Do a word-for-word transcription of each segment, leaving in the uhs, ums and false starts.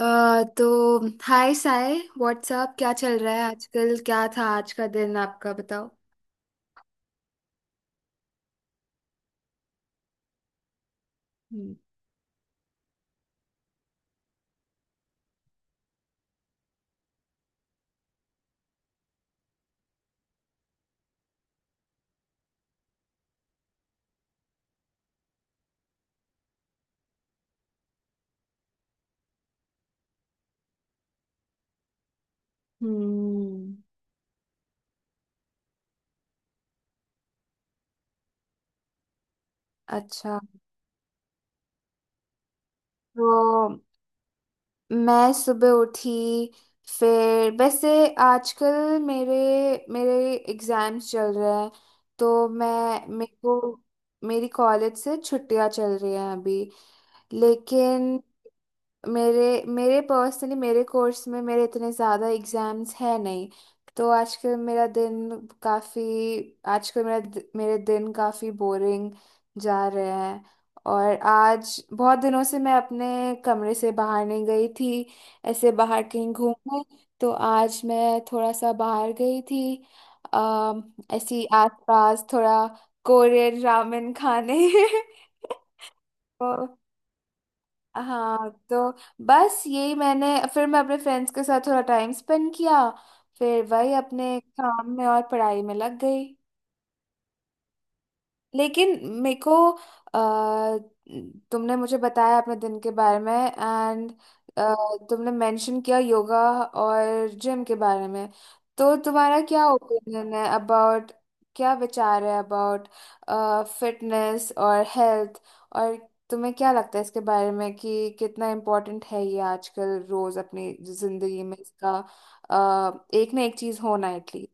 अ, तो हाय साय व्हाट्सअप, क्या चल रहा है आजकल? क्या था आज का दिन आपका, बताओ। हम्म। हम्म, अच्छा। तो मैं सुबह उठी। फिर वैसे आजकल मेरे मेरे एग्जाम्स चल रहे हैं, तो मैं मेरे को मेरी कॉलेज से छुट्टियां चल रही हैं अभी। लेकिन मेरे मेरे पर्सनली मेरे कोर्स में मेरे इतने ज़्यादा एग्जाम्स है नहीं, तो आजकल मेरा दिन काफ़ी आजकल मेरा दि- मेरे दिन काफ़ी बोरिंग जा रहे हैं। और आज बहुत दिनों से मैं अपने कमरे से बाहर नहीं गई थी, ऐसे बाहर कहीं घूमने। तो आज मैं थोड़ा सा बाहर गई थी, अम, ऐसी आसपास, थोड़ा कोरियन रामेन खाने तो हाँ, तो बस यही मैंने। फिर मैं अपने फ्रेंड्स के साथ थोड़ा टाइम स्पेंड किया, फिर वही अपने काम में और पढ़ाई में लग गई। लेकिन मेरे को अ, तुमने मुझे बताया अपने दिन के बारे में, एंड तुमने मेंशन किया योगा और जिम के बारे में। तो तुम्हारा क्या ओपिनियन है अबाउट, क्या विचार है अबाउट फिटनेस और हेल्थ, और तुम्हें क्या लगता है इसके बारे में कि कितना इम्पोर्टेंट है ये आजकल रोज अपनी जिंदगी में इसका अ, एक ना एक चीज होना एटलीस्ट।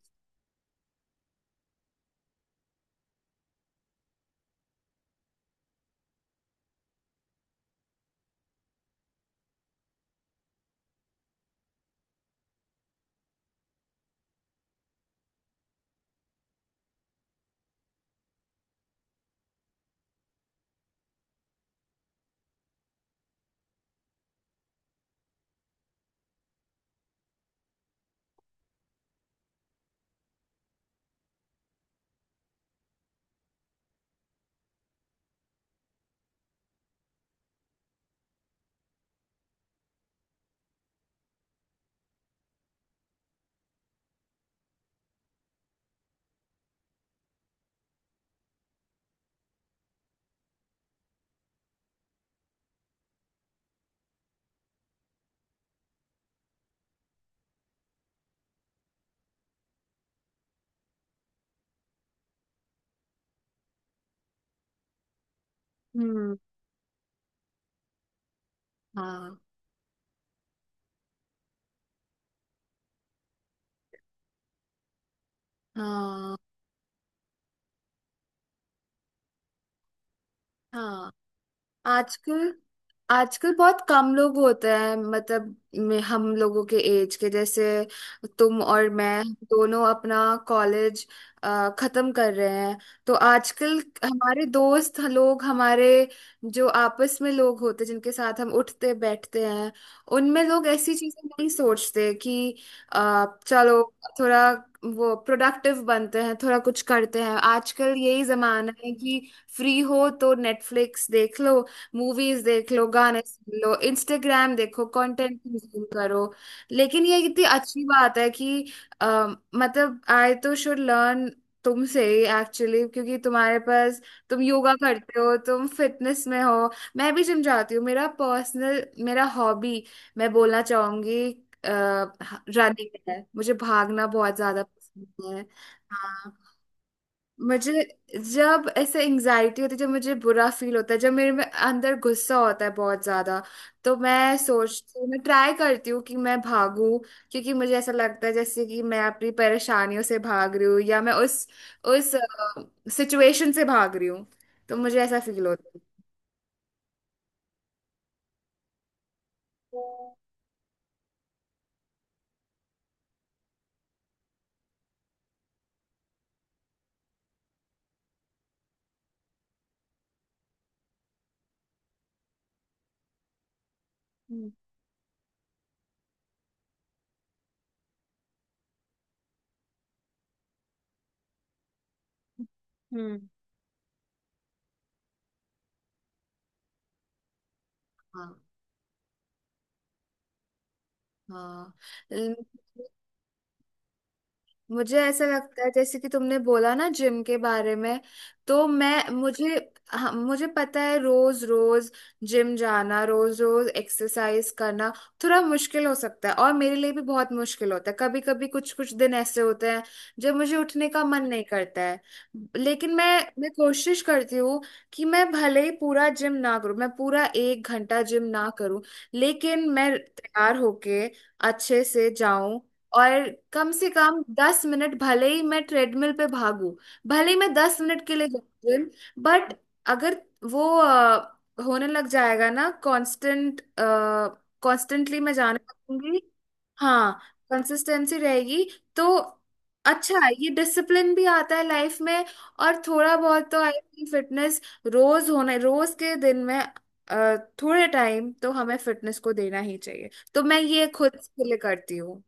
हम्म। हाँ, हाँ, हाँ। आजकल आजकल बहुत कम लोग होते हैं, मतलब मे- हम लोगों के एज के जैसे, तुम और मैं हम दोनों अपना कॉलेज खत्म कर रहे हैं। तो आजकल हमारे दोस्त लोग, हमारे जो आपस में लोग होते हैं जिनके साथ हम उठते बैठते हैं, उनमें लोग ऐसी चीजें नहीं सोचते कि अ, चलो थोड़ा वो प्रोडक्टिव बनते हैं, थोड़ा कुछ करते हैं। आजकल यही जमाना है कि फ्री हो तो नेटफ्लिक्स देख लो, मूवीज देख लो, गाने सुन लो, इंस्टाग्राम देखो, कंटेंट कंज्यूम करो। लेकिन ये कितनी अच्छी बात है कि अ, मतलब आई तो शुड लर्न तुमसे ही एक्चुअली, क्योंकि तुम्हारे पास, तुम योगा करते हो, तुम फिटनेस में हो। मैं भी जिम जाती हूँ, मेरा पर्सनल मेरा हॉबी मैं बोलना चाहूंगी रनिंग है, मुझे भागना बहुत ज्यादा पसंद है। हाँ। मुझे जब ऐसे एंजाइटी होती है, जब मुझे बुरा फील होता है, जब मेरे में अंदर गुस्सा होता है बहुत ज्यादा, तो मैं सोचती हूँ, मैं ट्राई करती हूँ कि मैं भागूं। क्योंकि मुझे ऐसा लगता है जैसे कि मैं अपनी परेशानियों से भाग रही हूँ, या मैं उस उस सिचुएशन से भाग रही हूँ। तो मुझे ऐसा फील होता है। हम्म। हम्म। हाँ, हाँ। मुझे ऐसा लगता है जैसे कि तुमने बोला ना जिम के बारे में, तो मैं, मुझे हाँ, मुझे पता है रोज रोज जिम जाना, रोज रोज एक्सरसाइज करना थोड़ा मुश्किल हो सकता है, और मेरे लिए भी बहुत मुश्किल होता है। कभी कभी कुछ कुछ दिन ऐसे होते हैं जब मुझे उठने का मन नहीं करता है। लेकिन मैं मैं कोशिश करती हूँ कि मैं भले ही पूरा जिम ना करूँ, मैं पूरा एक घंटा जिम ना करूँ, लेकिन मैं तैयार होके अच्छे से जाऊं। और कम से कम दस मिनट भले ही मैं ट्रेडमिल पे भागू, भले ही मैं दस मिनट के लिए जाऊँ जिम, बट अगर वो अ, होने लग जाएगा ना कांस्टेंट, कांस्टेंटली मैं जाने लगूंगी, हाँ कंसिस्टेंसी रहेगी, तो अच्छा है। ये डिसिप्लिन भी आता है लाइफ में, और थोड़ा बहुत तो आई थिंक फिटनेस रोज होना, रोज के दिन में अ, थोड़े टाइम तो हमें फिटनेस को देना ही चाहिए, तो मैं ये खुद के लिए करती हूँ।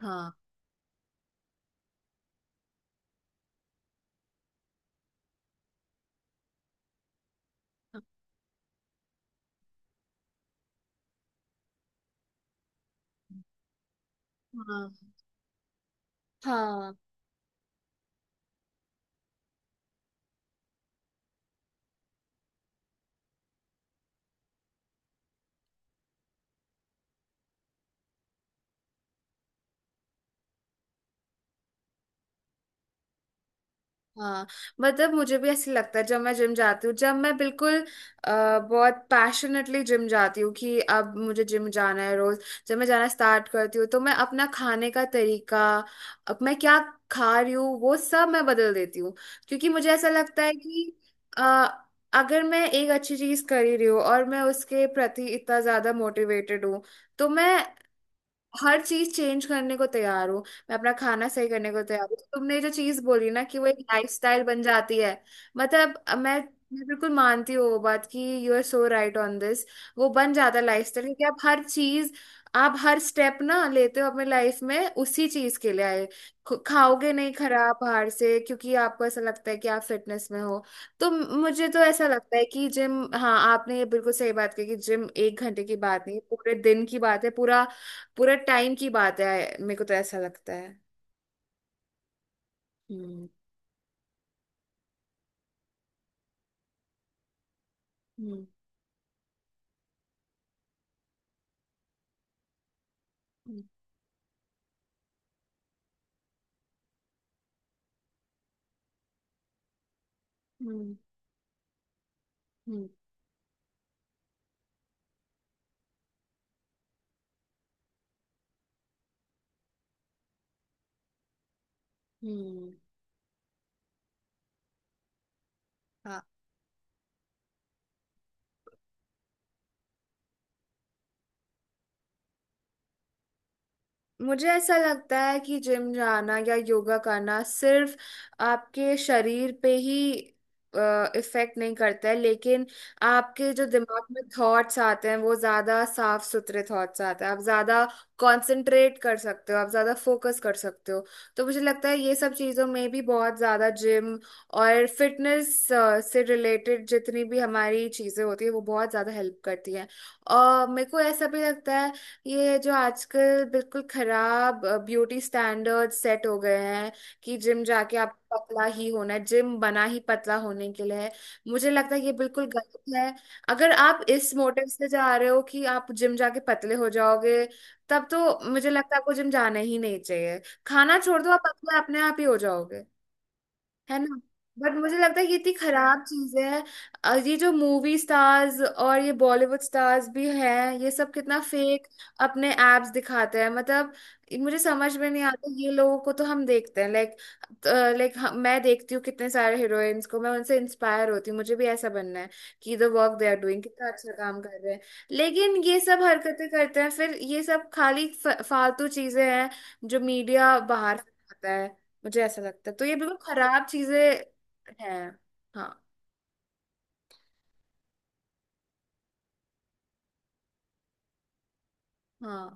हाँ, हाँ, हाँ, हाँ। मतलब मुझे भी ऐसे लगता है जब मैं जिम जाती हूँ, जब मैं बिल्कुल अ, बहुत पैशनेटली जिम जाती हूँ कि अब मुझे जिम जाना है रोज, जब मैं जाना स्टार्ट करती हूँ, तो मैं अपना खाने का तरीका, अब मैं क्या खा रही हूँ वो सब मैं बदल देती हूँ। क्योंकि मुझे ऐसा लगता है कि अ, अगर मैं एक अच्छी चीज कर ही रही हूँ और मैं उसके प्रति इतना ज्यादा मोटिवेटेड हूँ, तो मैं हर चीज चेंज करने को तैयार हूँ। मैं अपना खाना सही करने को तैयार हूँ। तुमने जो चीज बोली ना कि वो एक लाइफस्टाइल बन जाती है, मतलब अ, मैं मैं बिल्कुल मानती हूँ वो बात कि you are so right on this. वो बन जाता है लाइफस्टाइल, क्योंकि आप हर चीज, आप हर स्टेप ना लेते हो अपने लाइफ में उसी चीज के लिए। आए खु- खाओगे नहीं खराब बाहर से, क्योंकि आपको ऐसा लगता है कि आप फिटनेस में हो। तो मुझे तो ऐसा लगता है कि जिम, हाँ आपने ये बिल्कुल सही बात कही कि जिम एक घंटे की बात नहीं है, पूरे दिन की बात है, पूरा पूरा टाइम की बात है। मेरे को तो ऐसा लगता है। हम्म। हम्म। हम्म। हम्म। हम्म, हम्म, मुझे ऐसा लगता है कि जिम जाना या योगा करना सिर्फ आपके शरीर पे ही इफेक्ट नहीं करता है, लेकिन आपके जो दिमाग में थॉट्स आते हैं वो ज्यादा साफ सुथरे थॉट्स आते हैं, आप ज्यादा कंसंट्रेट कर सकते हो, आप ज्यादा फोकस कर सकते हो। तो मुझे लगता है ये सब चीजों में भी बहुत ज्यादा जिम और फिटनेस से रिलेटेड जितनी भी हमारी चीजें होती है वो बहुत ज्यादा हेल्प करती हैं। और मेरे को ऐसा भी लगता है ये जो आजकल बिल्कुल खराब ब्यूटी स्टैंडर्ड सेट हो गए हैं कि जिम जाके आप पतला ही होना है, जिम बना ही पतला होने के लिए है, मुझे लगता है ये बिल्कुल गलत है। अगर आप इस मोटिव से जा रहे हो कि आप जिम जाके पतले हो जाओगे, तब तो मुझे लगता है आपको जिम जाना ही नहीं चाहिए। खाना छोड़ दो, आप पतले अपने आप ही हो जाओगे, है ना? बट मुझे लगता है कि इतनी खराब चीज है अ, ये जो मूवी स्टार्स और ये बॉलीवुड स्टार्स भी हैं, ये सब कितना फेक अपने एप्स दिखाते हैं, मतलब मुझे समझ में नहीं आता। ये लोगों को तो हम देखते हैं लाइक लाइक मैं देखती हूँ कितने सारे हीरोइंस को, मैं उनसे इंस्पायर होती हूँ, मुझे भी ऐसा बनना है कि the work they are doing, कितना अच्छा काम कर रहे हैं। लेकिन ये सब हरकतें करते हैं, फिर ये सब खाली फ- फालतू चीजें हैं जो मीडिया बाहर फैलाता है, मुझे ऐसा लगता है। तो ये बिल्कुल खराब चीजें हैं। हाँ। हाँ,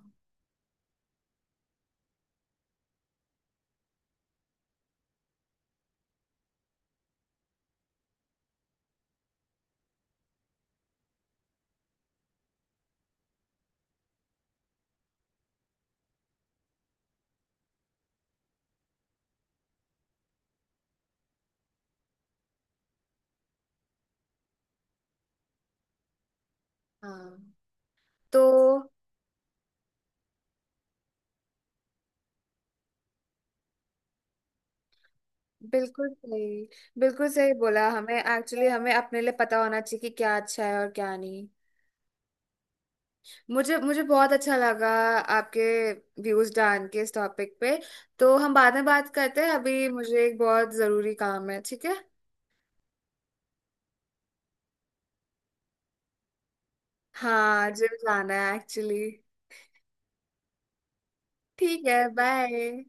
हाँ। तो बिल्कुल सही, बिल्कुल सही बोला। हमें एक्चुअली हमें अपने लिए पता होना चाहिए कि क्या अच्छा है और क्या नहीं। मुझे मुझे बहुत अच्छा लगा आपके व्यूज जान के इस टॉपिक पे। तो हम बाद में बात करते हैं, अभी मुझे एक बहुत जरूरी काम है, ठीक है? हाँ, जिम जाना है एक्चुअली। ठीक है, बाय।